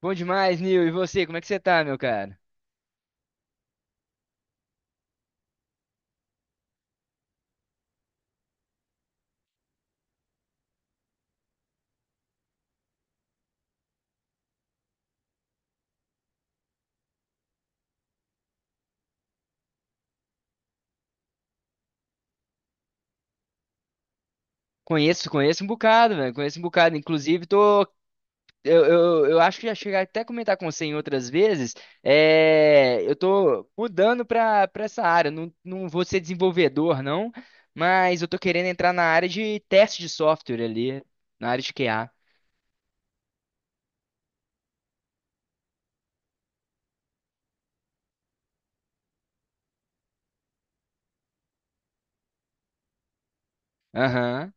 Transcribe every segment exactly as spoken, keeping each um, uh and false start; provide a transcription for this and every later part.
Bom demais, Nil. E você, como é que você tá, meu cara? Conheço, conheço um bocado, velho. Conheço um bocado. Inclusive, tô. Eu, eu, eu acho que já cheguei até a comentar com você em outras vezes. É, eu tô mudando pra, pra essa área. Não, não vou ser desenvolvedor, não. Mas eu tô querendo entrar na área de teste de software ali. Na área de Q A. Aham.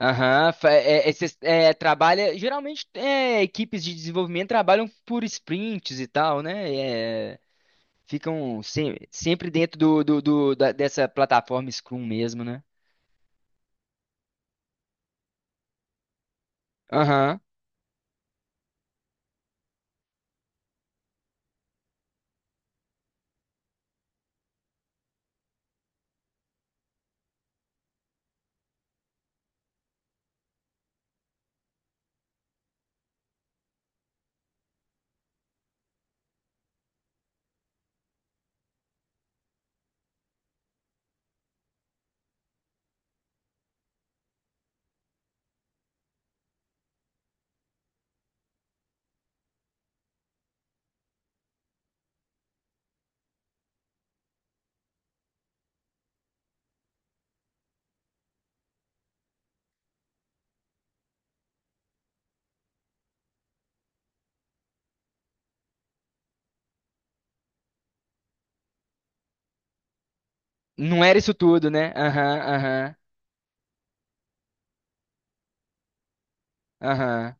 Aham, fa- é, é, cês- é, trabalha. Geralmente, é, equipes de desenvolvimento trabalham por sprints e tal, né? É, Ficam sem- Sempre dentro do, do, do- da- dessa plataforma Scrum mesmo, né? Aham. Não era isso tudo, né? Aham, aham, aham.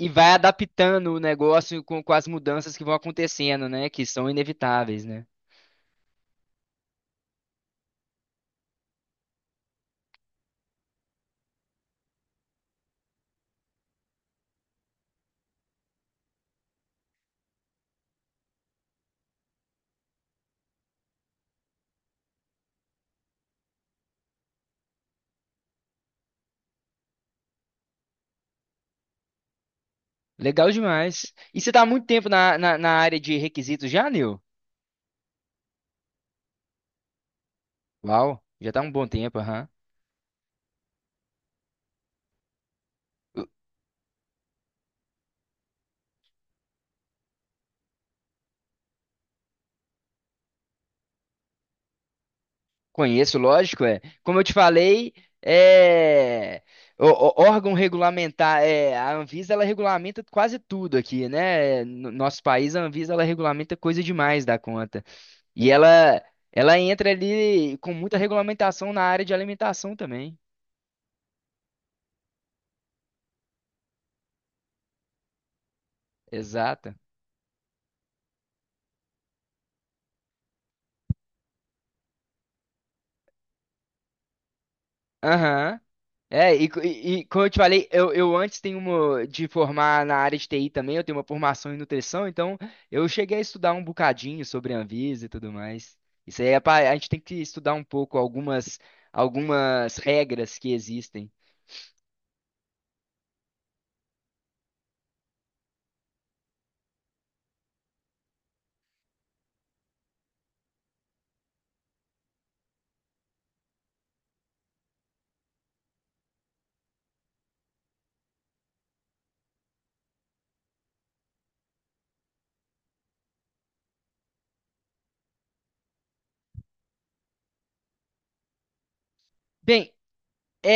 E vai adaptando o negócio com, com as mudanças que vão acontecendo, né? Que são inevitáveis, né? Legal demais. E você tá há muito tempo na, na, na área de requisitos já, Nil? Uau, já tá há um bom tempo, aham. Conheço, lógico, é. Como eu te falei, é o- o- órgão regulamentar, é, a Anvisa ela regulamenta quase tudo aqui, né? No nosso país, a Anvisa ela regulamenta coisa demais da conta. E ela ela entra ali com muita regulamentação na área de alimentação também. Exato. Aham. É, e, co- e, e como eu te falei, eu, eu antes tenho uma de formar na área de T I também, eu tenho uma formação em nutrição, então eu cheguei a estudar um bocadinho sobre Anvisa e tudo mais. Isso aí é pa- a gente tem que estudar um pouco algumas, algumas regras que existem. Bem, é,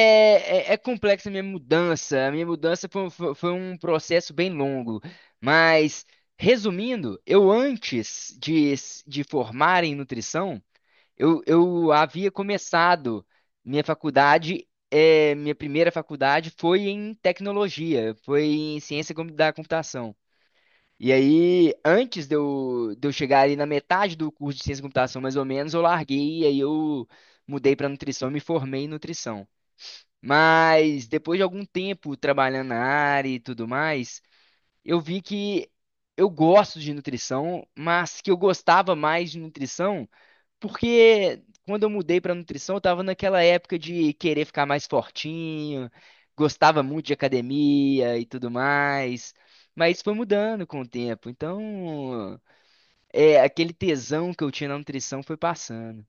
é, é complexa a minha mudança. A minha mudança foi, foi, foi um processo bem longo, mas resumindo, eu antes de, s- de formar em nutrição. Eu, eu havia começado minha faculdade, eh, minha primeira faculdade foi em tecnologia, foi em ciência com- da computação. E aí, antes de eu, de eu chegar ali na metade do curso de ciência da computação, mais ou menos, eu larguei e aí eu mudei para nutrição e me formei em nutrição. Mas depois de algum tempo trabalhando na área e tudo mais, eu vi que eu gosto de nutrição, mas que eu gostava mais de nutrição porque quando eu mudei pra nutrição, eu tava naquela época de querer ficar mais fortinho, gostava muito de academia e tudo mais. Mas foi mudando com o tempo. Então, é, aquele tesão que eu tinha na nutrição foi passando.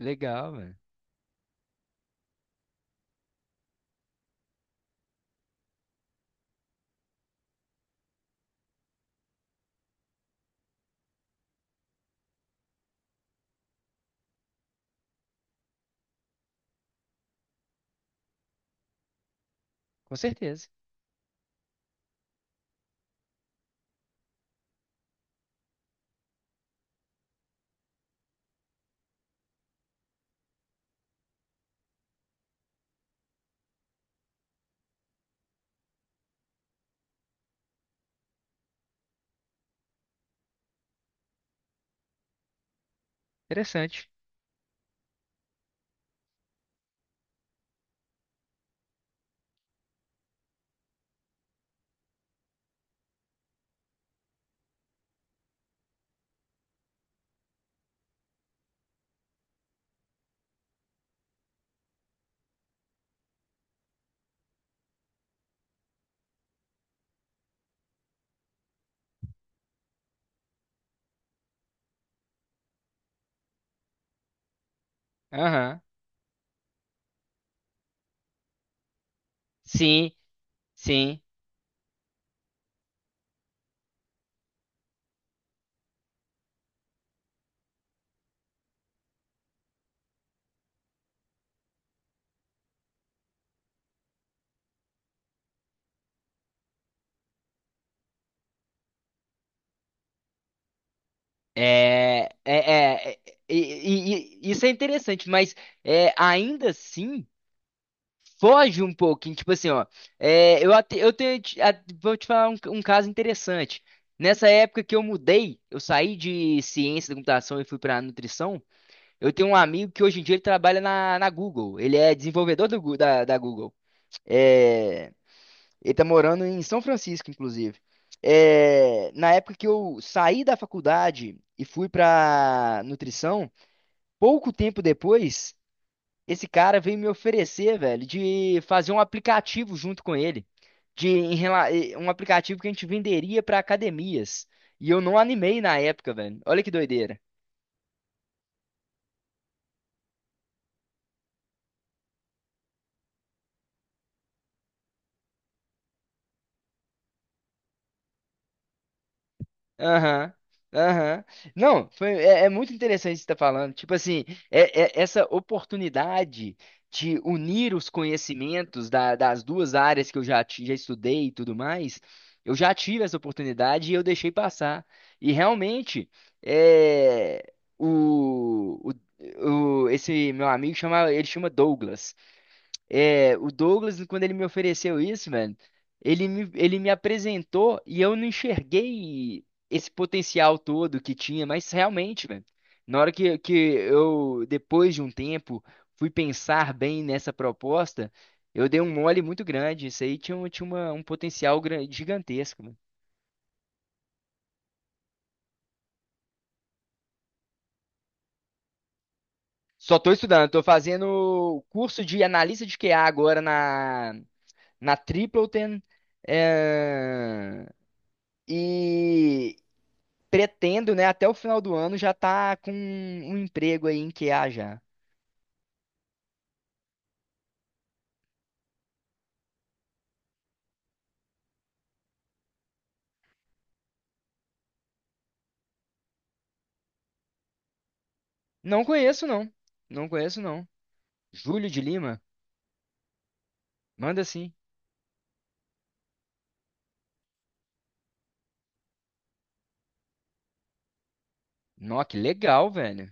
Legal, velho. Com certeza. Interessante. Aham. Sim, sim. É, é, é, é, e- e- e- isso é interessante, mas é, ainda assim. Foge um pouquinho, tipo assim, ó. É, eu até, eu tenho, te- a- Vou te falar um, um caso interessante. Nessa época que eu mudei, eu saí de ciência da computação e fui para nutrição. Eu tenho um amigo que hoje em dia ele trabalha na, na Google. Ele é desenvolvedor do Gu- da, da Google. É, ele tá morando em São Francisco, inclusive. É, na época que eu saí da faculdade e fui para nutrição, pouco tempo depois. Esse cara veio me oferecer, velho, de fazer um aplicativo junto com ele, de em rela- eh, um aplicativo que a gente venderia pra academias. E eu não animei na época, velho. Olha que doideira. Aham, aham. Não, foi, é, é muito interessante isso que você está falando. Tipo assim, é, é essa oportunidade de unir os conhecimentos da- das duas áreas que eu já, ti- já estudei e tudo mais, eu já tive essa oportunidade e eu deixei passar. E realmente, é, o, o, o- esse meu amigo chama, ele chama Douglas. É, o Douglas, quando ele me ofereceu isso, mano, ele me, ele me apresentou e eu não enxerguei esse potencial todo que tinha, mas realmente, mano, na hora que, que eu, depois de um tempo, fui pensar bem nessa proposta, eu dei um mole muito grande. Isso aí tinha, um- tinha uma, um potencial gran- gigantesco, mano. Só tô estudando, tô fazendo curso de analista de Q A agora na, na Tripleton. É, E, pretendo, né, até o final do ano já tá com um emprego aí em Q a já. Não conheço, não. Não conheço, não. Júlio de Lima? Manda sim. Nó, que legal, velho.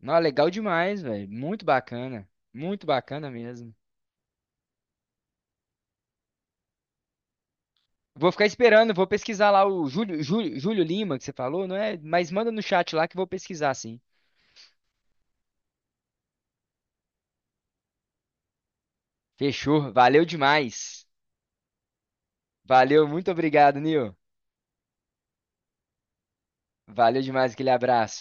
Nó, legal demais, velho. Muito bacana. Muito bacana mesmo. Vou ficar esperando, vou pesquisar lá o Júlio, Júlio, Júlio Lima que você falou, não é? Mas manda no chat lá que eu vou pesquisar sim. Fechou. Valeu demais. Valeu, muito obrigado, Nil. Valeu demais, aquele abraço.